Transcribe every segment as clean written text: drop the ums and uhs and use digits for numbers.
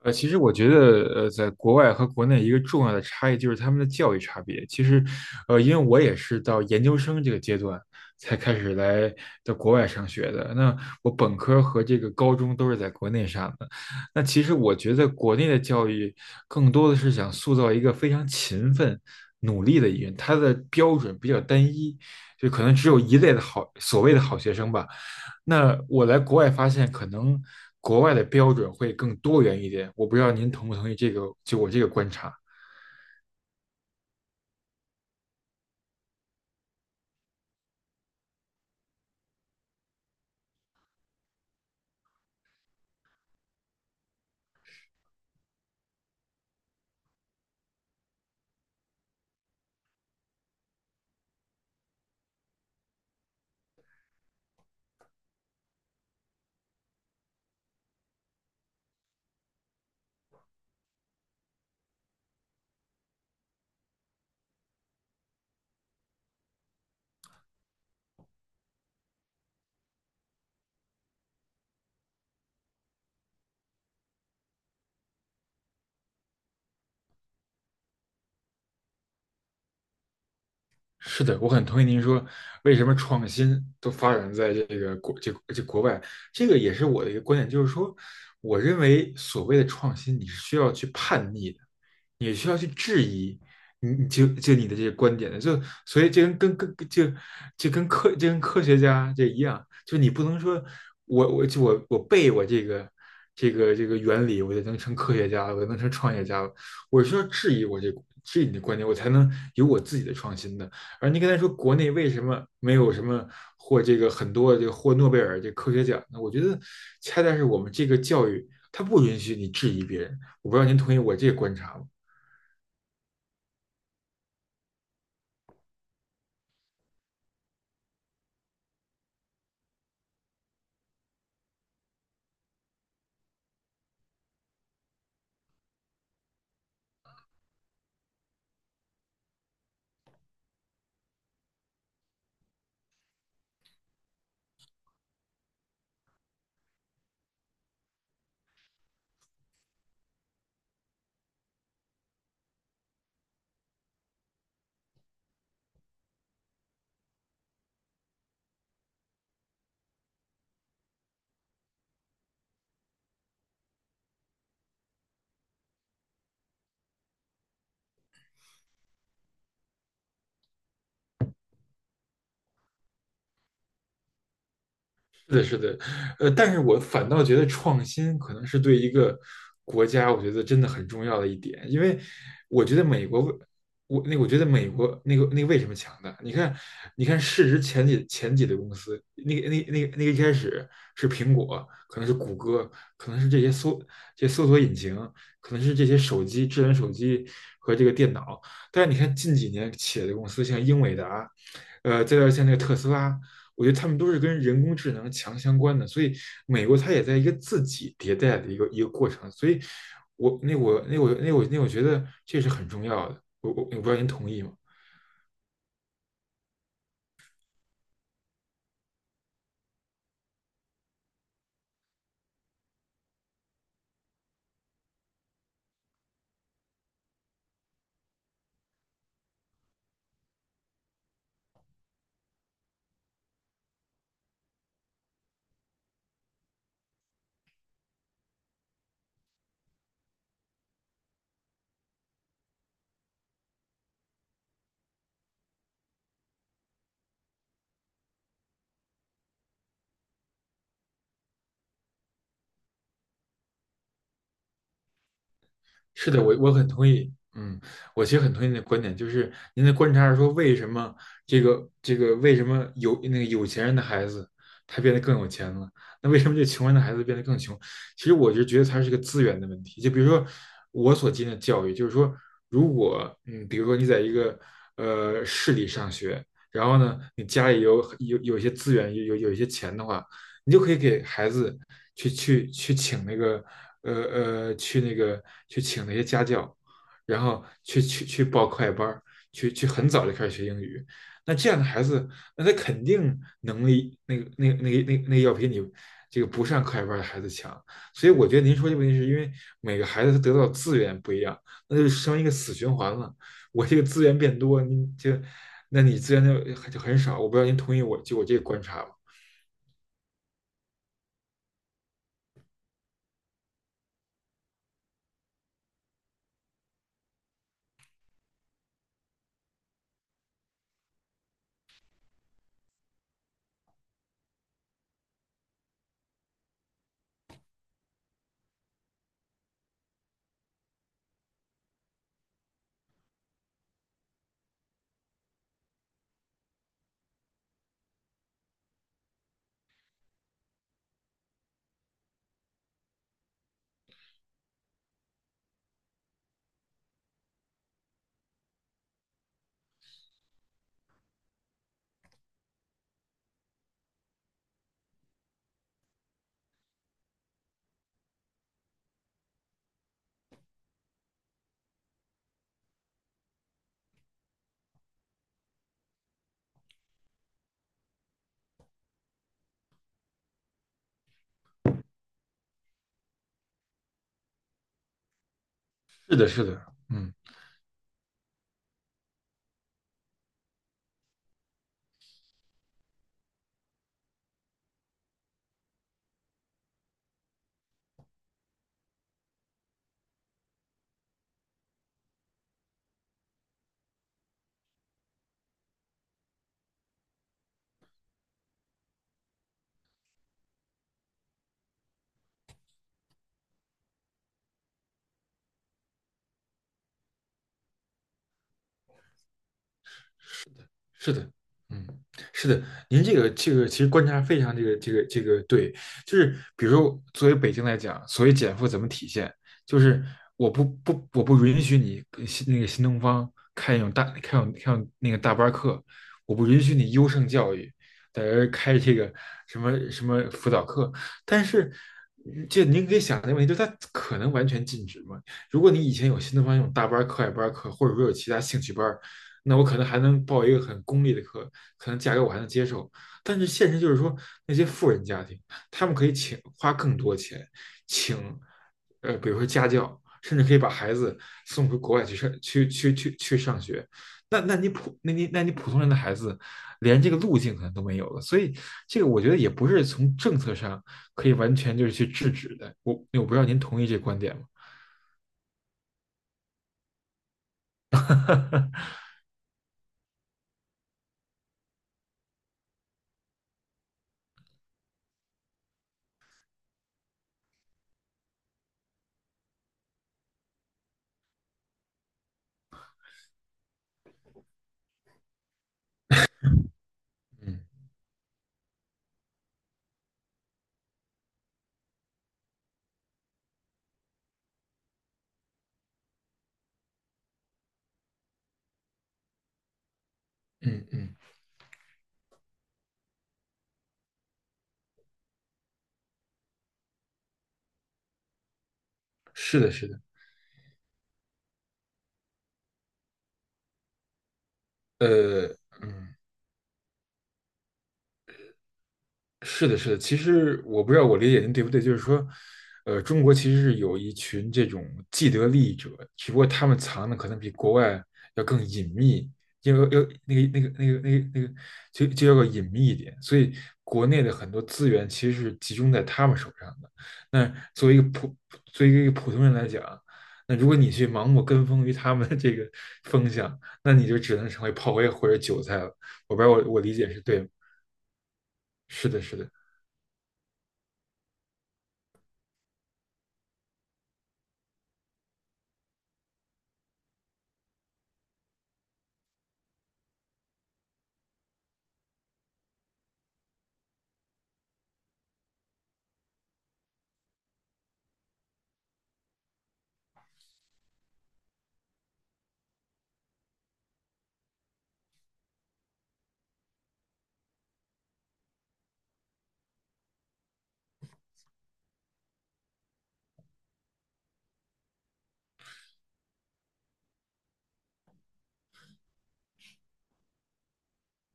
其实我觉得，在国外和国内一个重要的差异就是他们的教育差别。其实，因为我也是到研究生这个阶段才开始来到国外上学的。那我本科和这个高中都是在国内上的。那其实我觉得国内的教育更多的是想塑造一个非常勤奋、努力的一个人，他的标准比较单一，就可能只有一类的好，所谓的好学生吧。那我来国外发现，可能国外的标准会更多元一点。我不知道您同不同意这个，就我这个观察。是的，我很同意您说，为什么创新都发展在国外，这个也是我的一个观点，就是说，我认为所谓的创新，你是需要去叛逆的，你需要去质疑你你就就你的这些观点的，就所以这跟跟跟就就跟科这跟科学家这一样，就你不能说我我就我我背我这个原理，我就能成科学家了，我就能成创业家了，我需要质疑你的观点，我才能有我自己的创新的。而您刚才说国内为什么没有什么获这个很多这个获诺贝尔这科学奖呢？我觉得恰恰是我们这个教育它不允许你质疑别人。我不知道您同意我这个观察吗？是的，是的，但是我反倒觉得创新可能是对一个国家，我觉得真的很重要的一点，因为我觉得美国为，我那个我觉得美国为什么强大？你看,市值前几的公司，一开始是苹果，可能是谷歌，可能是这些搜索引擎，可能是这些手机智能手机和这个电脑，但是你看近几年企业的公司，像英伟达，再到像那个特斯拉。我觉得他们都是跟人工智能强相关的，所以美国它也在一个自己迭代的一个过程，所以我觉得这是很重要的，我不知道您同意吗？是的，我很同意。嗯，我其实很同意你的观点，就是您的观察是说，为什么为什么有那个有钱人的孩子他变得更有钱了？那为什么这穷人的孩子变得更穷？其实我就觉得它是个资源的问题。就比如说我所经历的教育，就是说，如果比如说你在一个市里上学，然后呢，你家里有一些资源，有一些钱的话，你就可以给孩子去去去请那个呃呃去那个去请那些家教，然后去报课外班很早就开始学英语。那这样的孩子，那他肯定能力要比你这个不上课外班的孩子强。所以我觉得您说这个问题是因为每个孩子他得到资源不一样，那就成一个死循环了。我这个资源变多，你就那你资源就很少。我不知道您同意我这个观察吗？是的，是的，嗯。是的，嗯，是的，您这个其实观察非常对，就是比如说作为北京来讲，所谓减负怎么体现，就是我不允许你跟新东方开那种大班课，我不允许你优胜教育在这儿开这个什么什么辅导课，但是这您可以想的问题就他可能完全禁止吗？如果你以前有新东方那种大班课、外班课，或者说有其他兴趣班，那我可能还能报一个很功利的课，可能价格我还能接受。但是现实就是说，那些富人家庭，他们可以请花更多钱，请比如说家教，甚至可以把孩子送回国外去上去去去去上学。那你普通人的孩子，连这个路径可能都没有了。所以这个我觉得也不是从政策上可以完全就是去制止的。我不知道您同意这个观点吗？嗯嗯嗯，是的，是的。呃，嗯，是的，是的。其实我不知道我理解您对不对，就是说，中国其实是有一群这种既得利益者，只不过他们藏的可能比国外要更隐秘，要要那个那个那个那个那个，就就要个隐秘一点。所以国内的很多资源其实是集中在他们手上的。那作为一个普，作为一个普通人来讲，那如果你去盲目跟风于他们的这个风向，那你就只能成为炮灰或者韭菜了。我不知道我理解是对吗？是的，是的，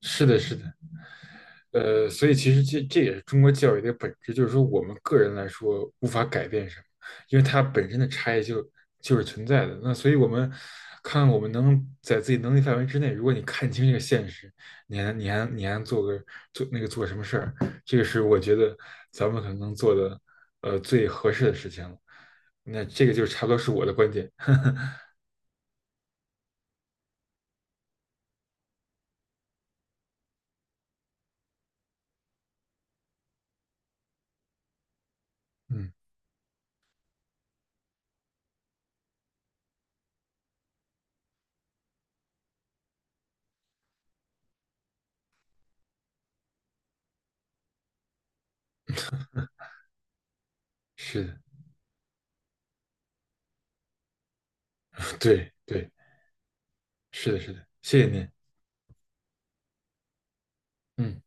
是的，是的，所以其实这也是中国教育的本质，就是说我们个人来说无法改变什么，因为它本身的差异就是存在的。那所以我们看我们能在自己能力范围之内，如果你看清这个现实，你还做个做那个做什么事儿，这个是我觉得咱们可能能做的最合适的事情了。那这个就差不多是我的观点。嗯，是的，对对，是的，是的，谢谢您。嗯。